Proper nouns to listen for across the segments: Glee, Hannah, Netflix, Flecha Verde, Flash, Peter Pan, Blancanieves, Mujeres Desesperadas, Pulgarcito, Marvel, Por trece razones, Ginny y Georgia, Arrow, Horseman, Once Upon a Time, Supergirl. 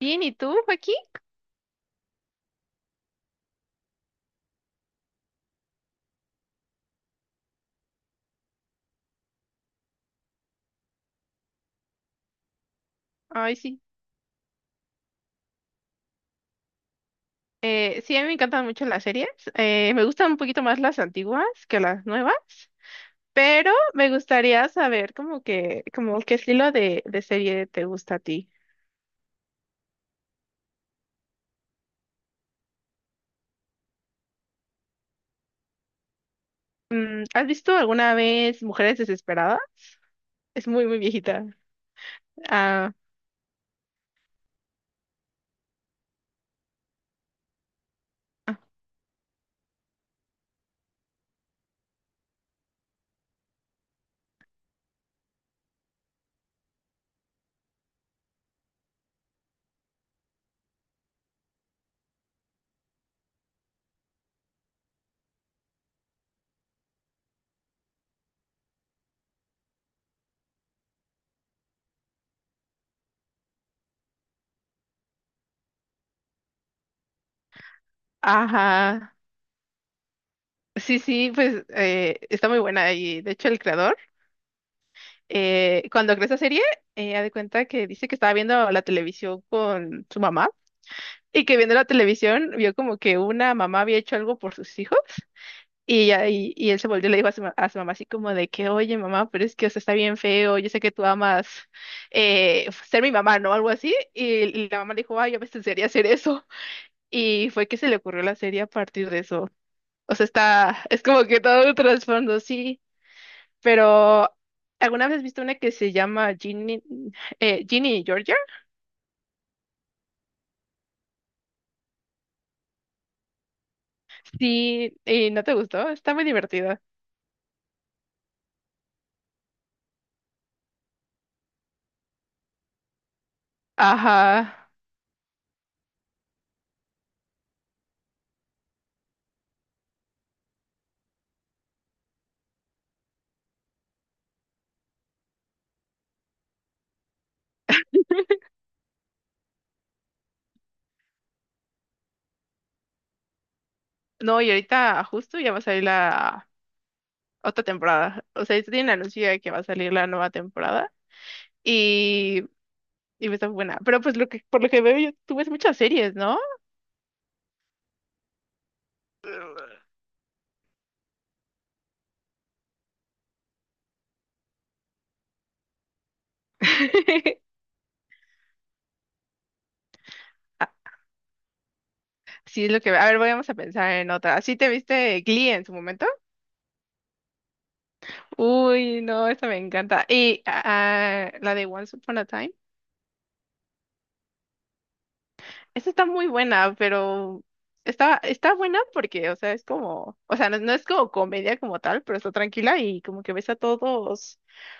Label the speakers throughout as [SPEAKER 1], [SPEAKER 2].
[SPEAKER 1] Bien, ¿y tú, Joaquín? Ay, sí. Sí, a mí me encantan mucho las series. Me gustan un poquito más las antiguas que las nuevas, pero me gustaría saber como que, como qué estilo de serie te gusta a ti. Mm, ¿has visto alguna vez Mujeres Desesperadas? Es muy, muy viejita. Ah, ajá. Sí, sí, pues está muy buena y de hecho el creador, cuando creó esa serie, ha de cuenta que dice que estaba viendo la televisión con su mamá. Y que viendo la televisión, vio como que una mamá había hecho algo por sus hijos. Y él se volvió y le dijo a su mamá así como de que, oye, mamá, pero es que, o sea, está bien feo, yo sé que tú amas ser mi mamá, ¿no? Algo así. Y la mamá le dijo, ay, yo me enseñaría hacer eso. Y fue que se le ocurrió la serie a partir de eso. O sea, está, es como que todo un trasfondo, sí. Pero, ¿alguna vez has visto una que se llama Ginny, Ginny y Georgia? Sí, y no te gustó, está muy divertida. Ajá. No, y ahorita justo ya va a salir la otra temporada. O sea, ya tienen anuncio de que va a salir la nueva temporada y, y está buena. Pero pues lo que, por lo que veo, yo, tú ves muchas series, ¿no? Sí, es lo que veo. A ver, vamos a pensar en otra. ¿Sí te viste Glee en su momento? Uy, no, esa me encanta. Y la de Once Upon a Time. Esa está muy buena, pero está, está buena porque, o sea, es como, o sea, no, no es como comedia como tal, pero está tranquila y como que ves a todos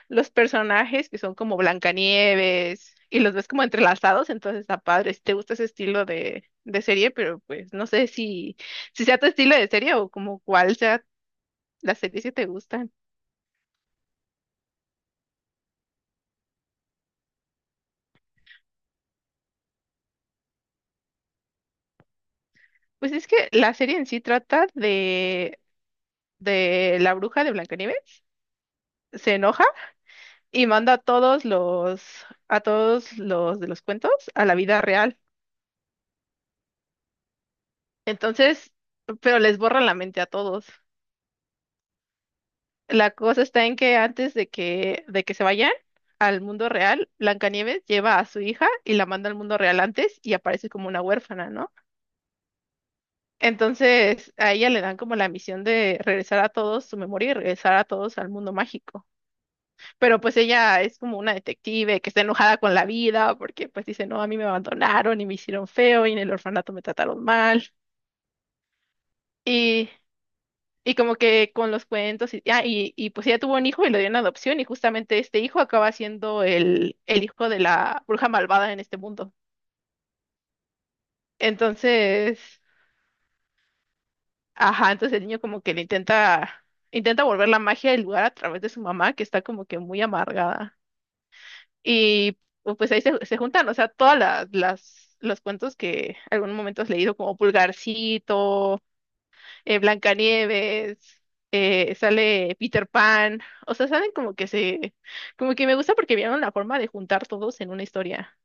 [SPEAKER 1] los personajes que son como Blancanieves y los ves como entrelazados, entonces está padre. Si te gusta ese estilo de serie, pero pues no sé si, si sea tu estilo de serie o como cuál sea las series que te gustan. Pues es que la serie en sí trata de la bruja de Blancanieves, se enoja y manda a a todos los de los cuentos a la vida real. Entonces, pero les borra la mente a todos. La cosa está en que antes de que se vayan al mundo real, Blancanieves lleva a su hija y la manda al mundo real antes y aparece como una huérfana, ¿no? Entonces, a ella le dan como la misión de regresar a todos su memoria y regresar a todos al mundo mágico. Pero pues ella es como una detective que está enojada con la vida porque pues dice, no, a mí me abandonaron y me hicieron feo y en el orfanato me trataron mal. Y, y como que con los cuentos y, ah, y pues ella tuvo un hijo y lo dio en adopción y justamente este hijo acaba siendo el hijo de la bruja malvada en este mundo. Entonces, ajá, entonces el niño como que intenta volver la magia del lugar a través de su mamá que está como que muy amargada. Y pues ahí se, se juntan, o sea, todas los cuentos que algún momento has leído, como Pulgarcito, Blancanieves, sale Peter Pan, o sea, saben como que se, como que me gusta porque vieron la forma de juntar todos en una historia.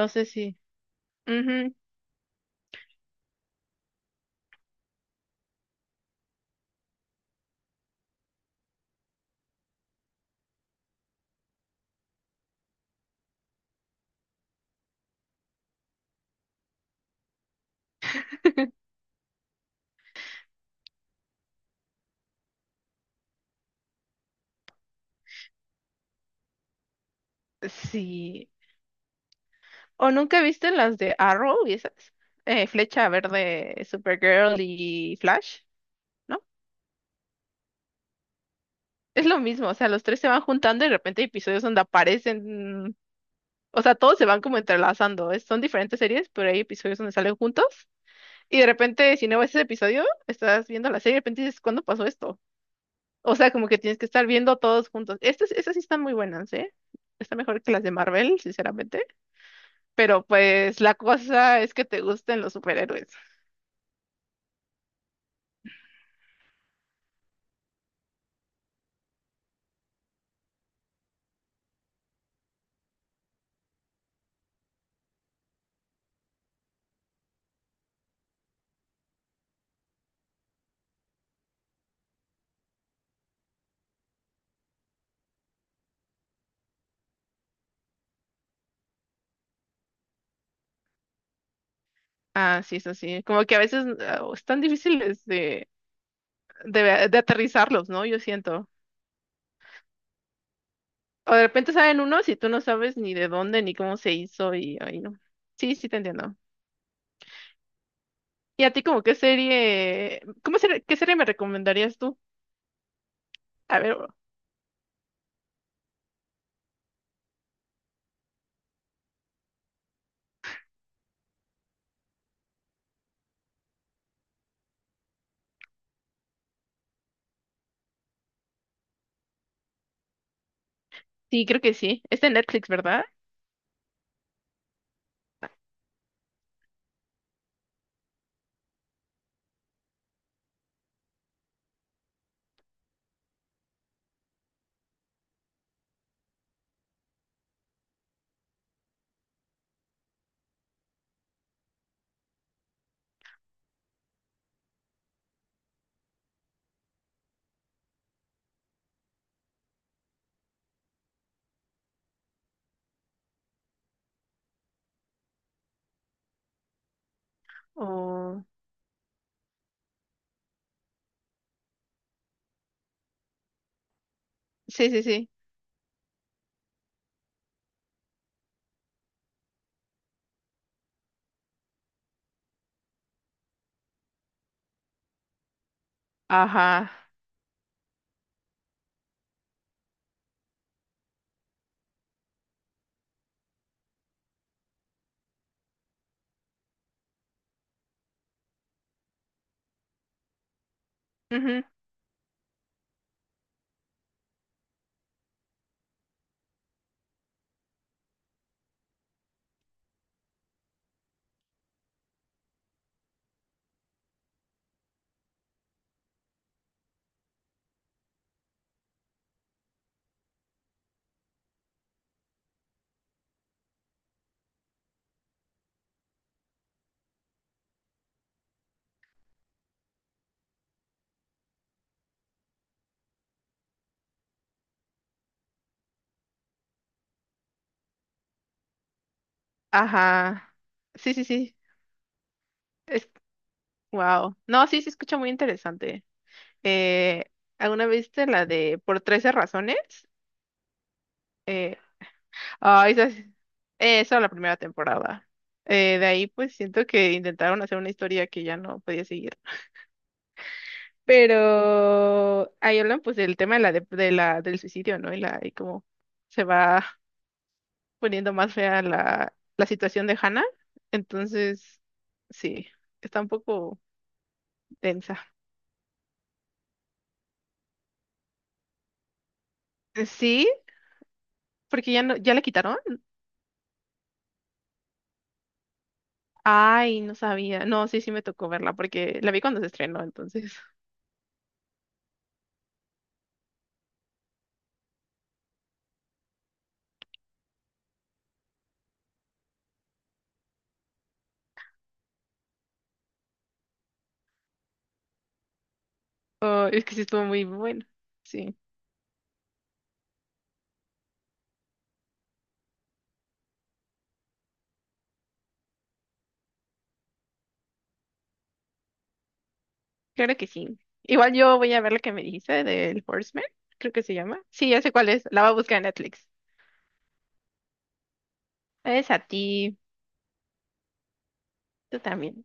[SPEAKER 1] No sé si, ujú, sí. ¿O nunca viste las de Arrow y esas? Flecha Verde, Supergirl y Flash. ¿No? Es lo mismo, o sea, los tres se van juntando y de repente hay episodios donde aparecen. O sea, todos se van como entrelazando. Son diferentes series, pero hay episodios donde salen juntos. Y de repente, si no ves ese episodio, estás viendo la serie y de repente dices, ¿cuándo pasó esto? O sea, como que tienes que estar viendo todos juntos. Estas sí están muy buenas, ¿eh? Está mejor que las de Marvel, sinceramente. Pero pues la cosa es que te gusten los superhéroes. Ah, sí, eso sí. Como que a veces están difíciles de, de aterrizarlos, ¿no? Yo siento. O de repente salen unos y tú no sabes ni de dónde ni cómo se hizo y ahí no. Sí, sí te entiendo. ¿Y a ti como qué serie, qué serie me recomendarías tú? A ver, sí, creo que sí. Es de Netflix, ¿verdad? O... Sí, sí, sí. Ajá. Ujú. Ajá. Sí, sí, sí. Es... Wow. No, sí, se escucha muy interesante. Eh, ¿Alguna vez viste la de Por trece razones? Eh, esa, esa la primera temporada. De ahí pues siento que intentaron hacer una historia que ya no podía seguir. Pero ahí hablan pues del tema de la, dep- de, la, del suicidio, ¿no? Y, la, y cómo se va poniendo más fea la situación de Hannah. Entonces, sí, está un poco densa. Sí, porque ya no, ya la quitaron. Ay, no sabía. No, sí, sí me tocó verla porque la vi cuando se estrenó, entonces. Oh, es que sí estuvo muy bueno. Sí, claro que sí. Igual yo voy a ver la que me dijiste del Horseman, creo que se llama. Sí, ya sé cuál es. La voy a buscar en Netflix. Es a ti. Tú también.